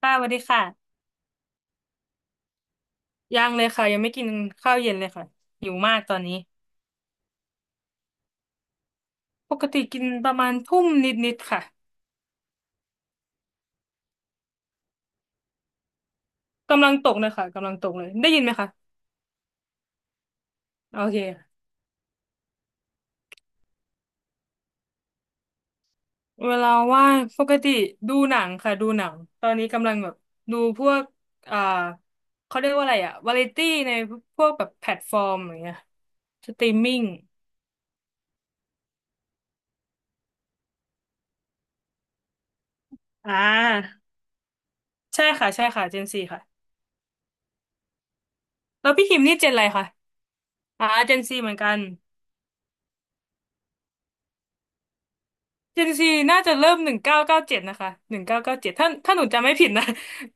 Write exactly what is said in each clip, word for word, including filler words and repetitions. ค่ะสวัสดีค่ะ ยังเลยค่ะ ยังไม่กินข้าวเย็นเลยค่ะหิวมากตอนนี้ ปกติกินประมาณทุ่มนิดๆค่ะ กำลังตกเลยค่ะกำลังตกเลย ได้ยินไหมคะโอเค เวลาว่างปกติดูหนังค่ะ ดูหนัง ตอนนี้กำลังแบบดูพวกอ่าเขาเรียกว่าอะไรอะวาไรตี้ในพวกแบบแพลตฟอร์มอย่างเงี้ยสตรีมมิ่งอ่าใช่ค่ะ ใช่ค่ะเจนซีค่ะแล้วพี่คิมนี่เจนอะไรคะอ่าเจนซีเหมือนกัน เจนซีน่าจะเริ่มหนึ่งเก้าเก้าเจ็ดนะคะหนึ่งเก้าเก้าเจ็ดถ้าถ้าหนูจำไม่ผิดนะ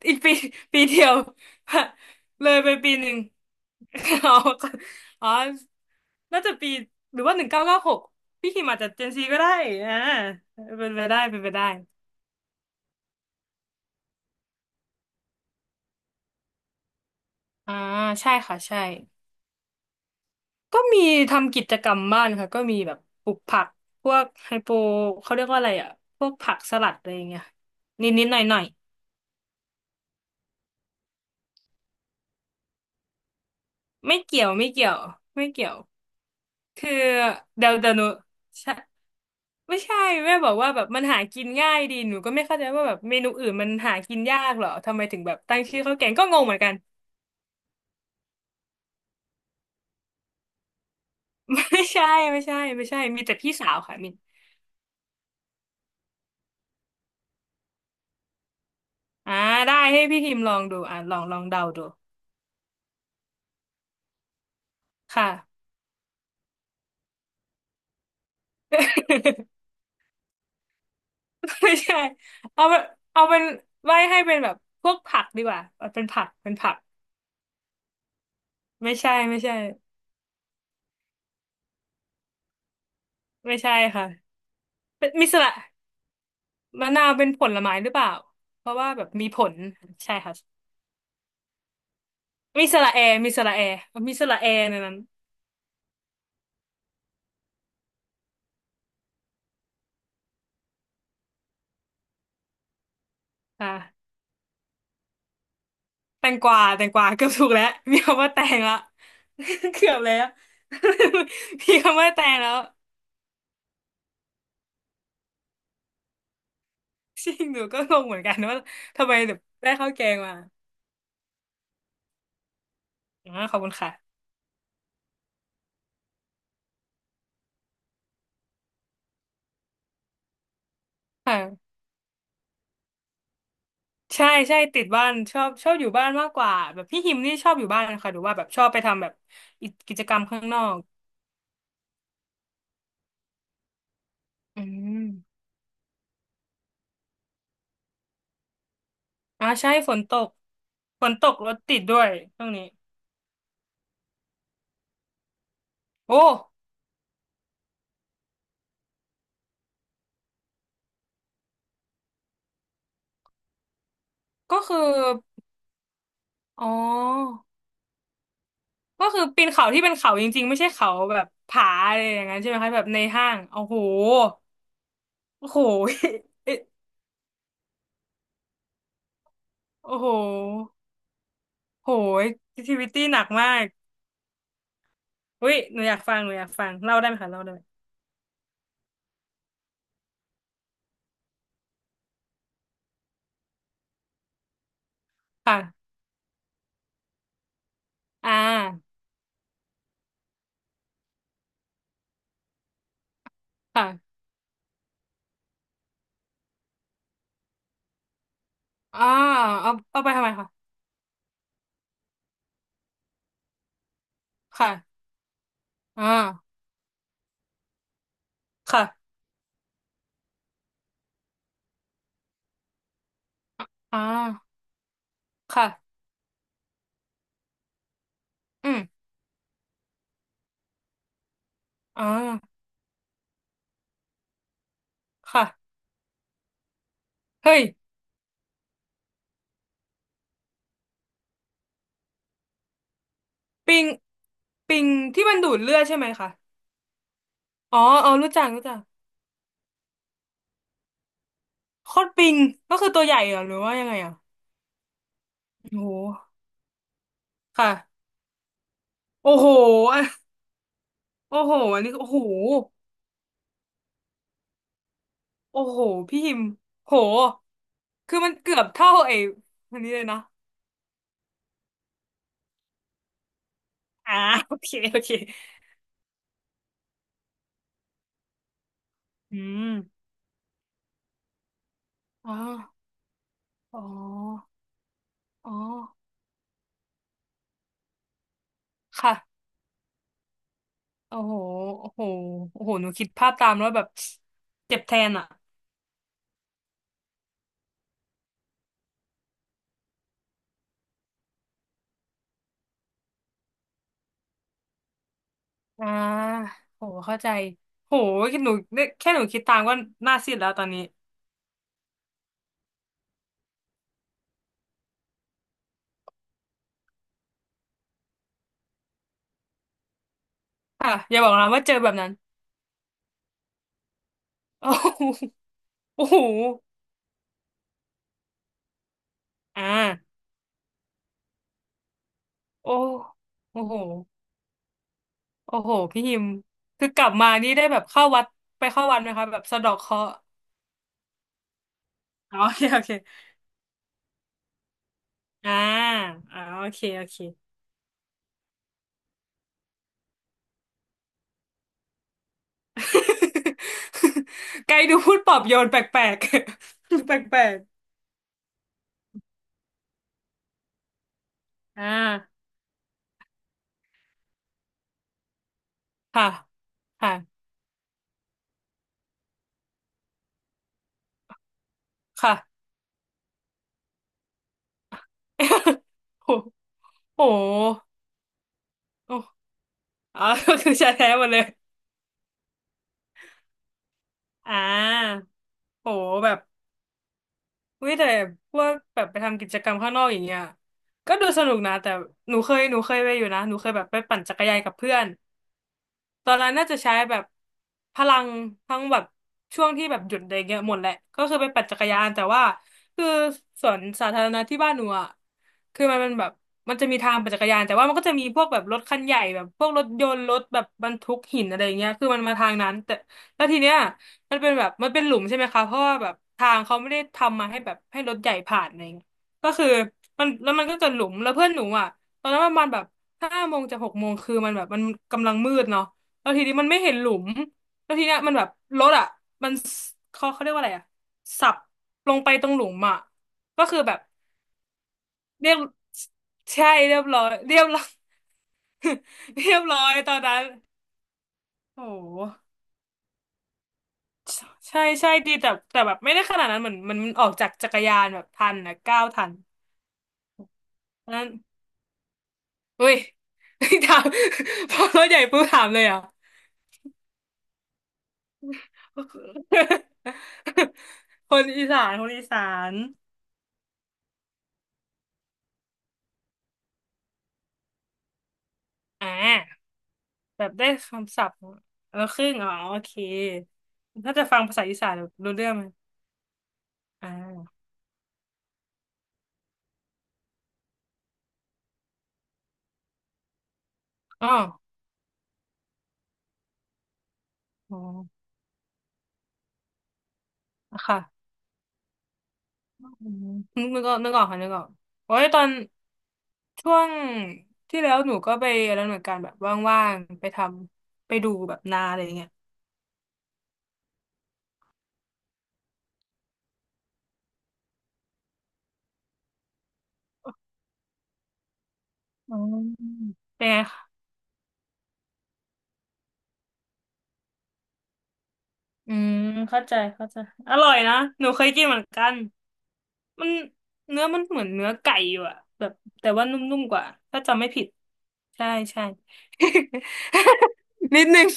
อีกปี ปีเดียว เลยไปปีหนึ่ง อ๋ออ๋ อน่าจะปีหรือว่าหนึ่งเก้าเก้าหกพี่คิมอาจจะเจนซีก็ได้อ่าเป็นไปได้เป็นไปได้อ่าใช่ค่ะใช่ก็มีทำกิจกรรมบ้านค่ะก็มีแบบปลูกผักพวกไฮโปเขาเรียกว่าอะไรอ่ะพวกผักสลัดอะไรอย่างเงี้ยนิดนิดหน่อยหน่อยๆไม่เกี่ยวไม่เกี่ยวไม่เกี่ยว คือเดาวเดีวหนูใช่ไม่ใช่แม่บอกว่าแบบมันหากินง่ายดีหนูก็ไม่เข้าใจว่าแบบเมนูอื่นมันหากินยากเหรอทำไมถึงแบบตั้งชื่อข้าวแกงก็งงเหมือนกัน ไม่ใช่ไม่ใช่ไม่ใช่มีแต่พี่สาวค่ะมินอ่าได้ให้พี่พิมพ์ลองดูอ่าลองลองเดาดูค่ะ ไม่ใช่เอาเป็นเอาเป็นไว้ให้เป็นแบบพวกผักดีกว่าเอาเป็นผักเป็นผักไม่ใช่ไม่ใช่ไม่ใช่ค่ะเป็นมีสละมะนาวเป็นผลไม้หรือเปล่าเพราะว่าแบบมีผลใช่ค่ะ มีสระแอมีสระแอมีสระแอในนั้นอ่าแตงกวาแตงกวาเกือบถูกแล้วมีคำว่าแตงละ เกือบแล้ว มีคำว่าแตงแล้วจริงหนูก็งงเหมือนกันว่าทำไมแบบได้ข้าวแกงมาอ่าขอบคุณค่ะค่ะใช่ใช่ติดบ้านชอบชอบอยู่บ้านมากกว่าแบบพี่ฮิมนี่ชอบอยู่บ้านนะคะหรือว่าแบบชอบไปทำแบบอิกิจกรรมข้างนอกอืมอ่าใช่ฝนตกฝนตกรถติดด้วยช่วงนี้โอ้ก็คืออ๋อ ก็คือปีนเขาที่เป็นเขาจริงๆไม่ใช่เขาแบบผาอะไรอย่างนั้นใช่ไหมคะแบบในห้างโอ้โหโอ้โห เอ๊ะโอ้โหโหยแอคทิวิตี้หนักมากอุ้ยหนูอยากฟังหนูอยากฟังเล่าได้ไหมคะเล่าได้ไหมค่ะอ่าค่ะอ่าเอาเอาไปทำไมคะค่ะอ่าค่ะอ่าค่ะอืมอ่าค่ะเฮ้ยปิงปิงที่มันดูดเลือดใช่ไหมคะอ๋อเออรู้จักรู้จักโคตรปิงก็คือตัวใหญ่เหรอหรือว่ายังไงอ่ะโอ้โห ค่ะโอ้โหอ่ะโอ้โห อันนี้โอ้โหโอ้โหพี่หิมโหคือมันเกือบเท่าไอ้อันนี้เลยนะอ่า โอเคโอเคอืมอ๋ออ๋ออ๋อค่ะโอ้โหโอ้โหโอ้โหหนูคิดภาพตามแล้วแบบเจ็บแทนอ่ะอ่าโหเข้าใจโหแค่หนูเนี่ยแค่หนูคิดตามก็หน้าซีดแล้วตอนนี้ค่ะอย่าบอกนะว่าเจอแบบนั้น โอ้โหโอ้โหอ่าโอ้โอ้โห โอ้โห พี่ฮิมคือกลับมานี่ได้แบบเข้าวัดไปเข้าวัดไหมคะแบบสะเดาะเคราะห์อ๋อโอเคโอเคอ่าอ่าโอเคโอเค ไกลดูพูดปลอบโยนแปลกๆ แปลกๆอ่าค่ะค่ะค่ะ โอ้โหโอ้โหอ๋อ ก็คือแชร์แท้หมดเลยอ่าโหแบบ เว้ยแต่พวกแบบไปทำกิจกรรมข้างนอกอย่างเงี้ยก็ดูสนุกนะแต่หนูเคยหนูเคยไปอยู่นะหนูเคยแบบไปปั่นจักรยานกับเพื่อน ตอนนั้นน่าจะใช้แบบพลังทั้งแบบช่วงที่แบบหยุดอะไรเงี้ยหมดแหละก็คือไปปั่นจักรยานแต่ว่าคือสวนสาธารณะที่บ้านหนูอ่ะคือมันเป็นแบบมันจะมีทางปั่นจักรยานแต่ว่ามันก็จะมีพวกแบบรถคันใหญ่แบบพวกรถยนต์รถแบบบรรทุกหินอะไรเงี้ยคือมันมาทางนั้นแต่แล้วทีเนี้ยมันเป็นแบบมันเป็นหลุมใช่ไหมคะเพราะว่าแบบทางเขาไม่ได้ทำมาให้แบบให้รถใหญ่ผ่านอะไรเงี้ยก็คือมันแล้วมันก็จะหลุมแล้วเพื่อนหนูอ่ะตอนนั้นประมาณแบบห้าโมงจะหกโมงคือมันแบบมันกำลังมืดเนาะ แล้วทีนี้มันไม่เห็นหลุมแล้วทีเนี้ยมันแบบรถอ่ะมันคเขาเขาเรียกว่าอะไรอ่ะสับลงไปตรงหลุมอ่ะก็คือแบบเรียบใช่เรียบร้อยเรียบร้อย เรียบร้อยตอนนั้นโอ้โหใช่ใช่ดีแต่แต่แบบไม่ได้ขนาดนั้นเหมือนมันมันออกจากจักรยานแบบทันนะก้าวทันอันนั้นอุ้ย ถาม พอรถใหญ่ปุ๊บถามเลยเหรอ่ะ คนอีสานคนอีสานอ่า แบบได้คำศัพท์แล้วครึ่งอ๋อโอเคถ้าจะฟังภาษาอีสานรู้เรื่องไหมอ่าอ๋ออ๋อค่ะอืมนึกออกนึกออกค่ะนึกออกโอ้ยตอนช่วงที่แล้วหนูก็ไปอะไรเหมือนกันแบบว่างๆไปทำไปดูแบบนาอะไรอย่างเงี้ยอ๋อเป็นไงคะอืมเข้าใจเข้าใจอร่อยนะหนูเคยกินเหมือนกันมันเนื้อมันเหมือนเนื้อไก่อยู่อะแบบแต่ว่านุ่มๆกว่าถ้าจำไม่ผิด ใช่ใช่ นิดนึง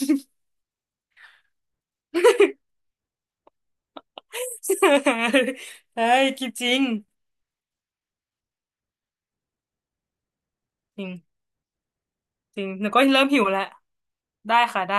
เฮ้ยคิดจริงจริงจริงหนูก็เริ่มหิวแล้ว ได้ค่ะได้